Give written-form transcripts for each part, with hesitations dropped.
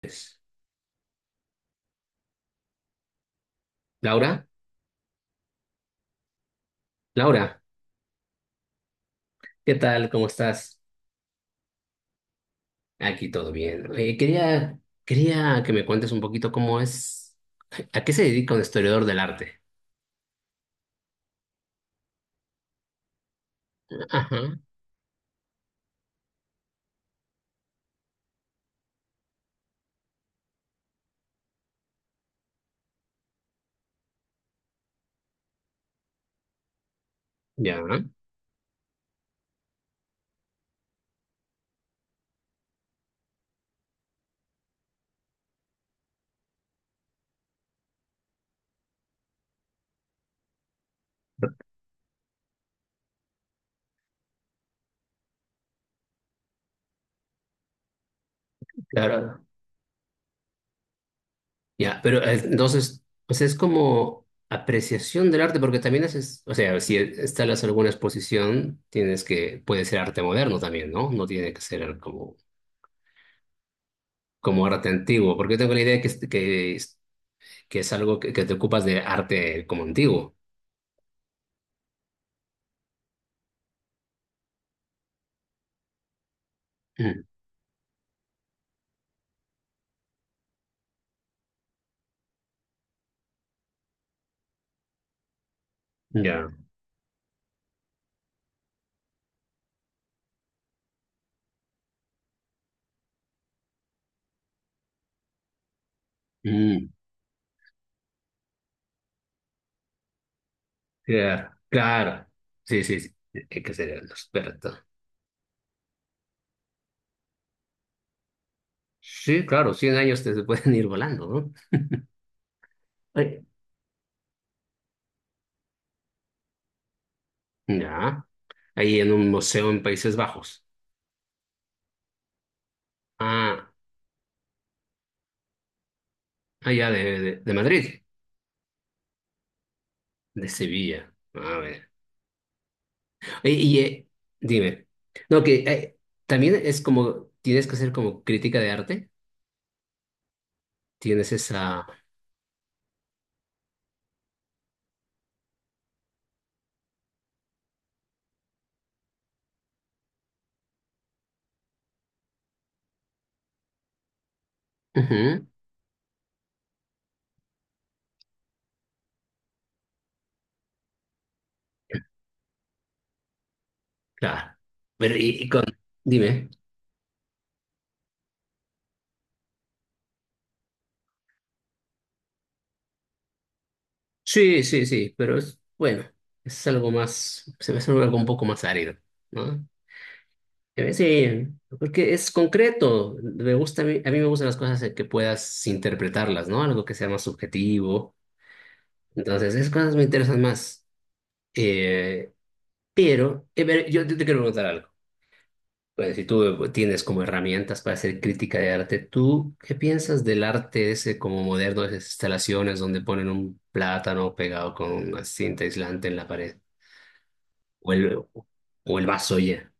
Pues, Laura, Laura, ¿qué tal? ¿Cómo estás? Aquí todo bien. Oye, quería que me cuentes un poquito cómo es, a qué se dedica un historiador del arte. Ajá, ya, claro. Ya, pero entonces, pues es como apreciación del arte, porque también haces, o sea, si instalas alguna exposición, tienes que, puede ser arte moderno también, ¿no? No tiene que ser como, arte antiguo, porque tengo la idea que, es algo que te ocupas de arte como antiguo. Mm. Ya. Mm, claro, claro. Sí, sí, sí. Hay que ser el experto. Sí, claro, 100 años te se pueden ir volando, ¿no? Ay, ya. Ahí en un museo en Países Bajos. Ah, allá de Madrid, de Sevilla. A ver. Y, y, eh, dime. No, que también es como, tienes que hacer como crítica de arte. Tienes esa. Ujú, claro. Pero y con. Dime. Sí, sí, sí, pero es bueno, es algo más, se me hace algo un poco más árido, ¿no? Sí, porque es concreto, me gusta, a mí me gustan las cosas en que puedas interpretarlas, ¿no? Algo que sea más subjetivo, entonces esas cosas me interesan más. Eh, pero yo te quiero preguntar algo. Bueno, si tú tienes como herramientas para hacer crítica de arte, ¿tú qué piensas del arte ese como moderno, esas instalaciones donde ponen un plátano pegado con una cinta aislante en la pared? O el, o el vaso ya.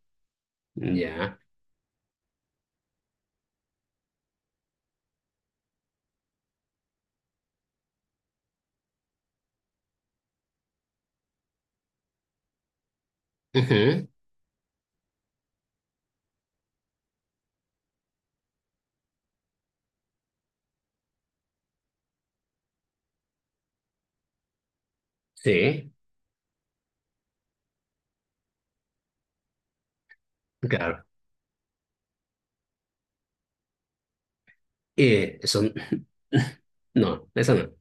Ya. Ujú. Sí, claro. Son. No, esa no.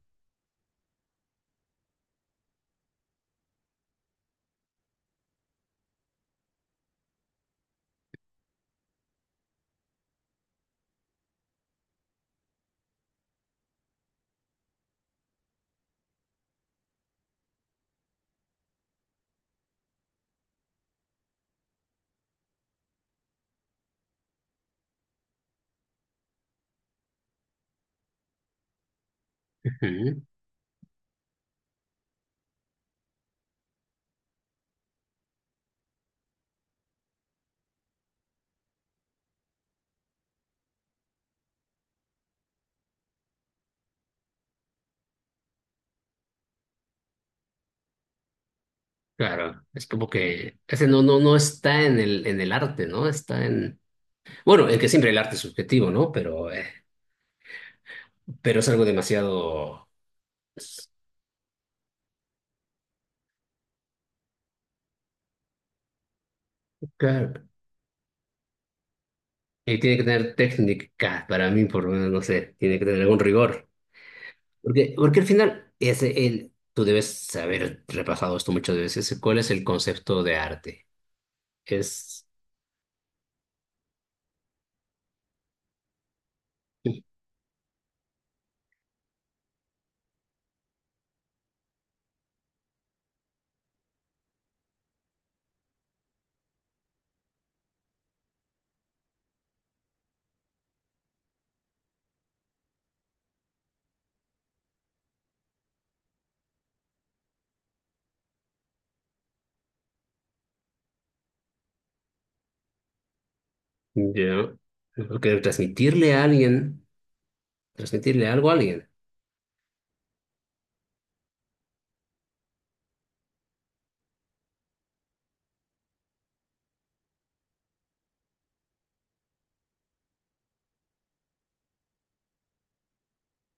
Ujú. Claro, es como que ese no, no, no está en el arte, ¿no? Está en. Bueno, en que siempre el arte es subjetivo, ¿no? Pero es algo demasiado. Claro. Y tiene que tener técnica, para mí por lo menos, no sé, tiene que tener algún rigor. Porque al final, tú debes haber repasado esto muchas veces, cuál es el concepto de arte. es, ya, porque transmitirle a alguien, transmitirle algo a alguien.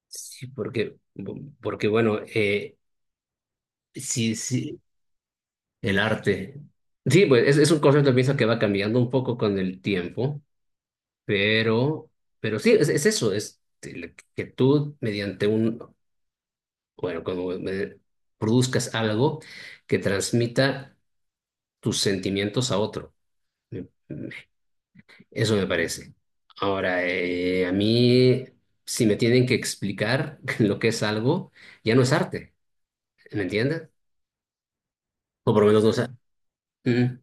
Sí, porque bueno, sí, sí, el arte. Sí, pues es un concepto, pienso, que va cambiando un poco con el tiempo, pero, pero sí, es eso, es el que tú mediante un, bueno, produzcas algo que transmita tus sentimientos a otro. Eso me parece. Ahora, a mí, si me tienen que explicar lo que es algo, ya no es arte, ¿me entiendes? O por lo menos no sé. Mm.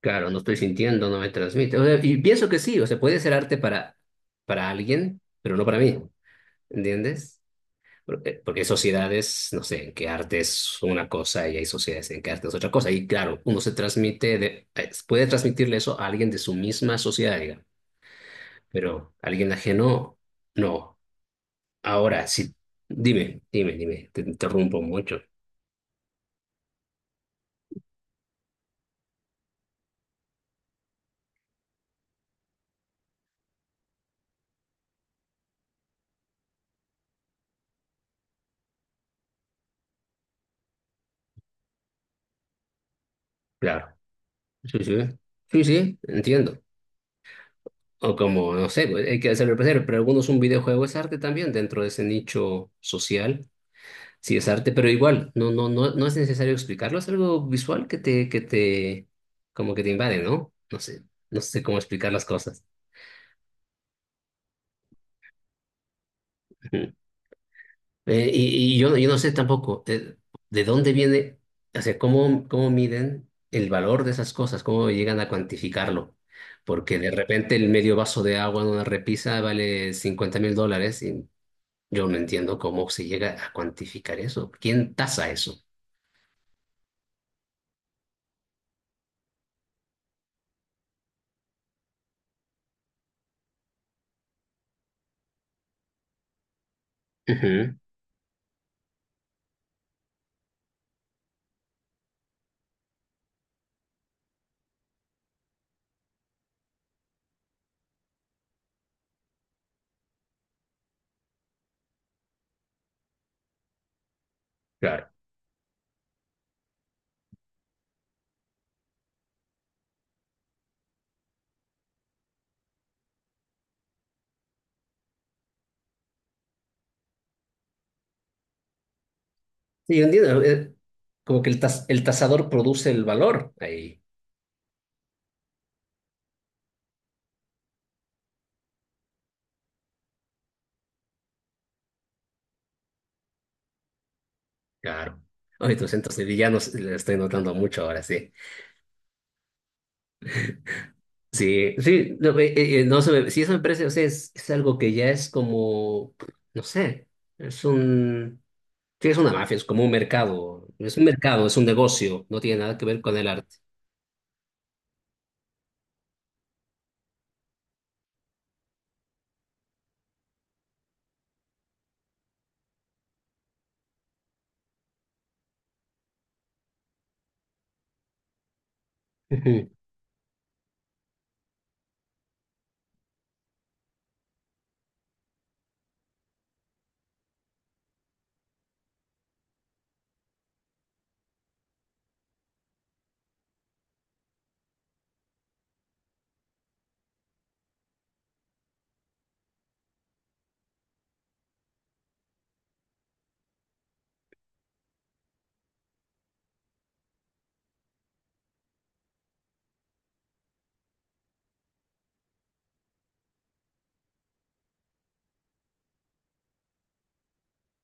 Claro, no estoy sintiendo, no me transmite. O sea, y pienso que sí, o sea, puede ser arte para, alguien, pero no para mí, ¿entiendes? Porque hay sociedades, no sé, en que arte es una cosa y hay sociedades en que arte es otra cosa. Y claro, uno se transmite, puede transmitirle eso a alguien de su misma sociedad, digamos, pero a alguien ajeno, no. Ahora, sí, dime, dime, dime, te interrumpo mucho. Claro, sí, sí, sí, sí, entiendo. O como, no sé, pues, hay que hacerlo placer, pero algunos un videojuego es arte también dentro de ese nicho social. Sí, es arte, pero igual, no es necesario explicarlo, es algo visual que te, como que te invade, ¿no? No sé cómo explicar las cosas. Yo no sé tampoco de dónde viene, o sea, cómo miden el valor de esas cosas, cómo llegan a cuantificarlo. Porque de repente el medio vaso de agua en una repisa vale 50.000 dólares y yo no entiendo cómo se llega a cuantificar eso. ¿Quién tasa eso? Ujú, claro. Sí, yo entiendo. Como que el tasador produce el valor ahí. Claro. Oye, tus centros sevillanos le estoy notando mucho ahora, sí. Sí, sí, no, no se me, sí, eso me parece, o sea, es algo que ya es como, no sé, es un, sí, es una mafia, es como un mercado, es un mercado, es un negocio, no tiene nada que ver con el arte. Ujú.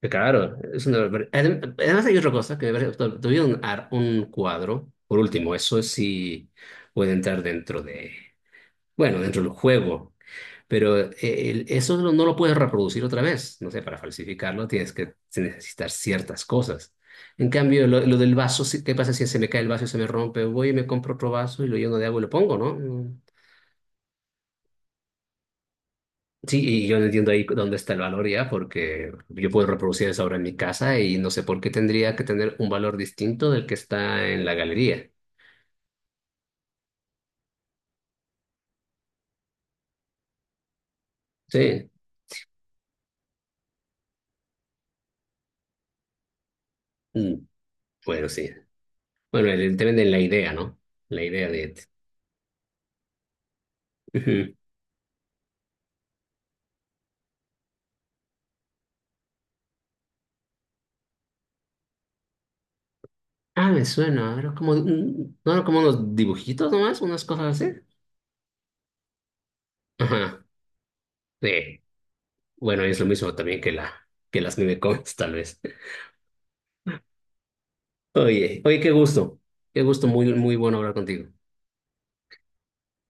Claro, es una, barbar- adem- además hay otra cosa que me parece, tuvieron un cuadro, por último, eso sí puede entrar dentro de, bueno, dentro del juego. Pero eso no lo puedes reproducir otra vez. No sé, para falsificarlo tienes que necesitar ciertas cosas. En cambio, lo del vaso, sí, ¿qué pasa si se me cae el vaso y se me rompe? Voy y me compro otro vaso y lo lleno de agua y lo pongo, ¿no? Mm. Sí, y yo no entiendo ahí dónde está el valor ya, porque yo puedo reproducir esa obra en mi casa y no sé por qué tendría que tener un valor distinto del que está en la galería. Sí. Mm. Bueno, sí. Bueno, te venden la idea, ¿no? La idea de. Ah, me suena. Era como, ¿no era como unos dibujitos nomás? Unas cosas así. Ajá. Sí. Bueno, es lo mismo también que las memecomics, tal vez. Oye, oye, qué gusto. Qué gusto, muy, muy bueno hablar contigo.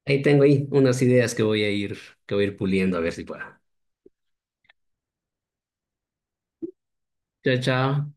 Ahí tengo ahí unas ideas que voy a ir, puliendo a ver si puedo. Chao, chao.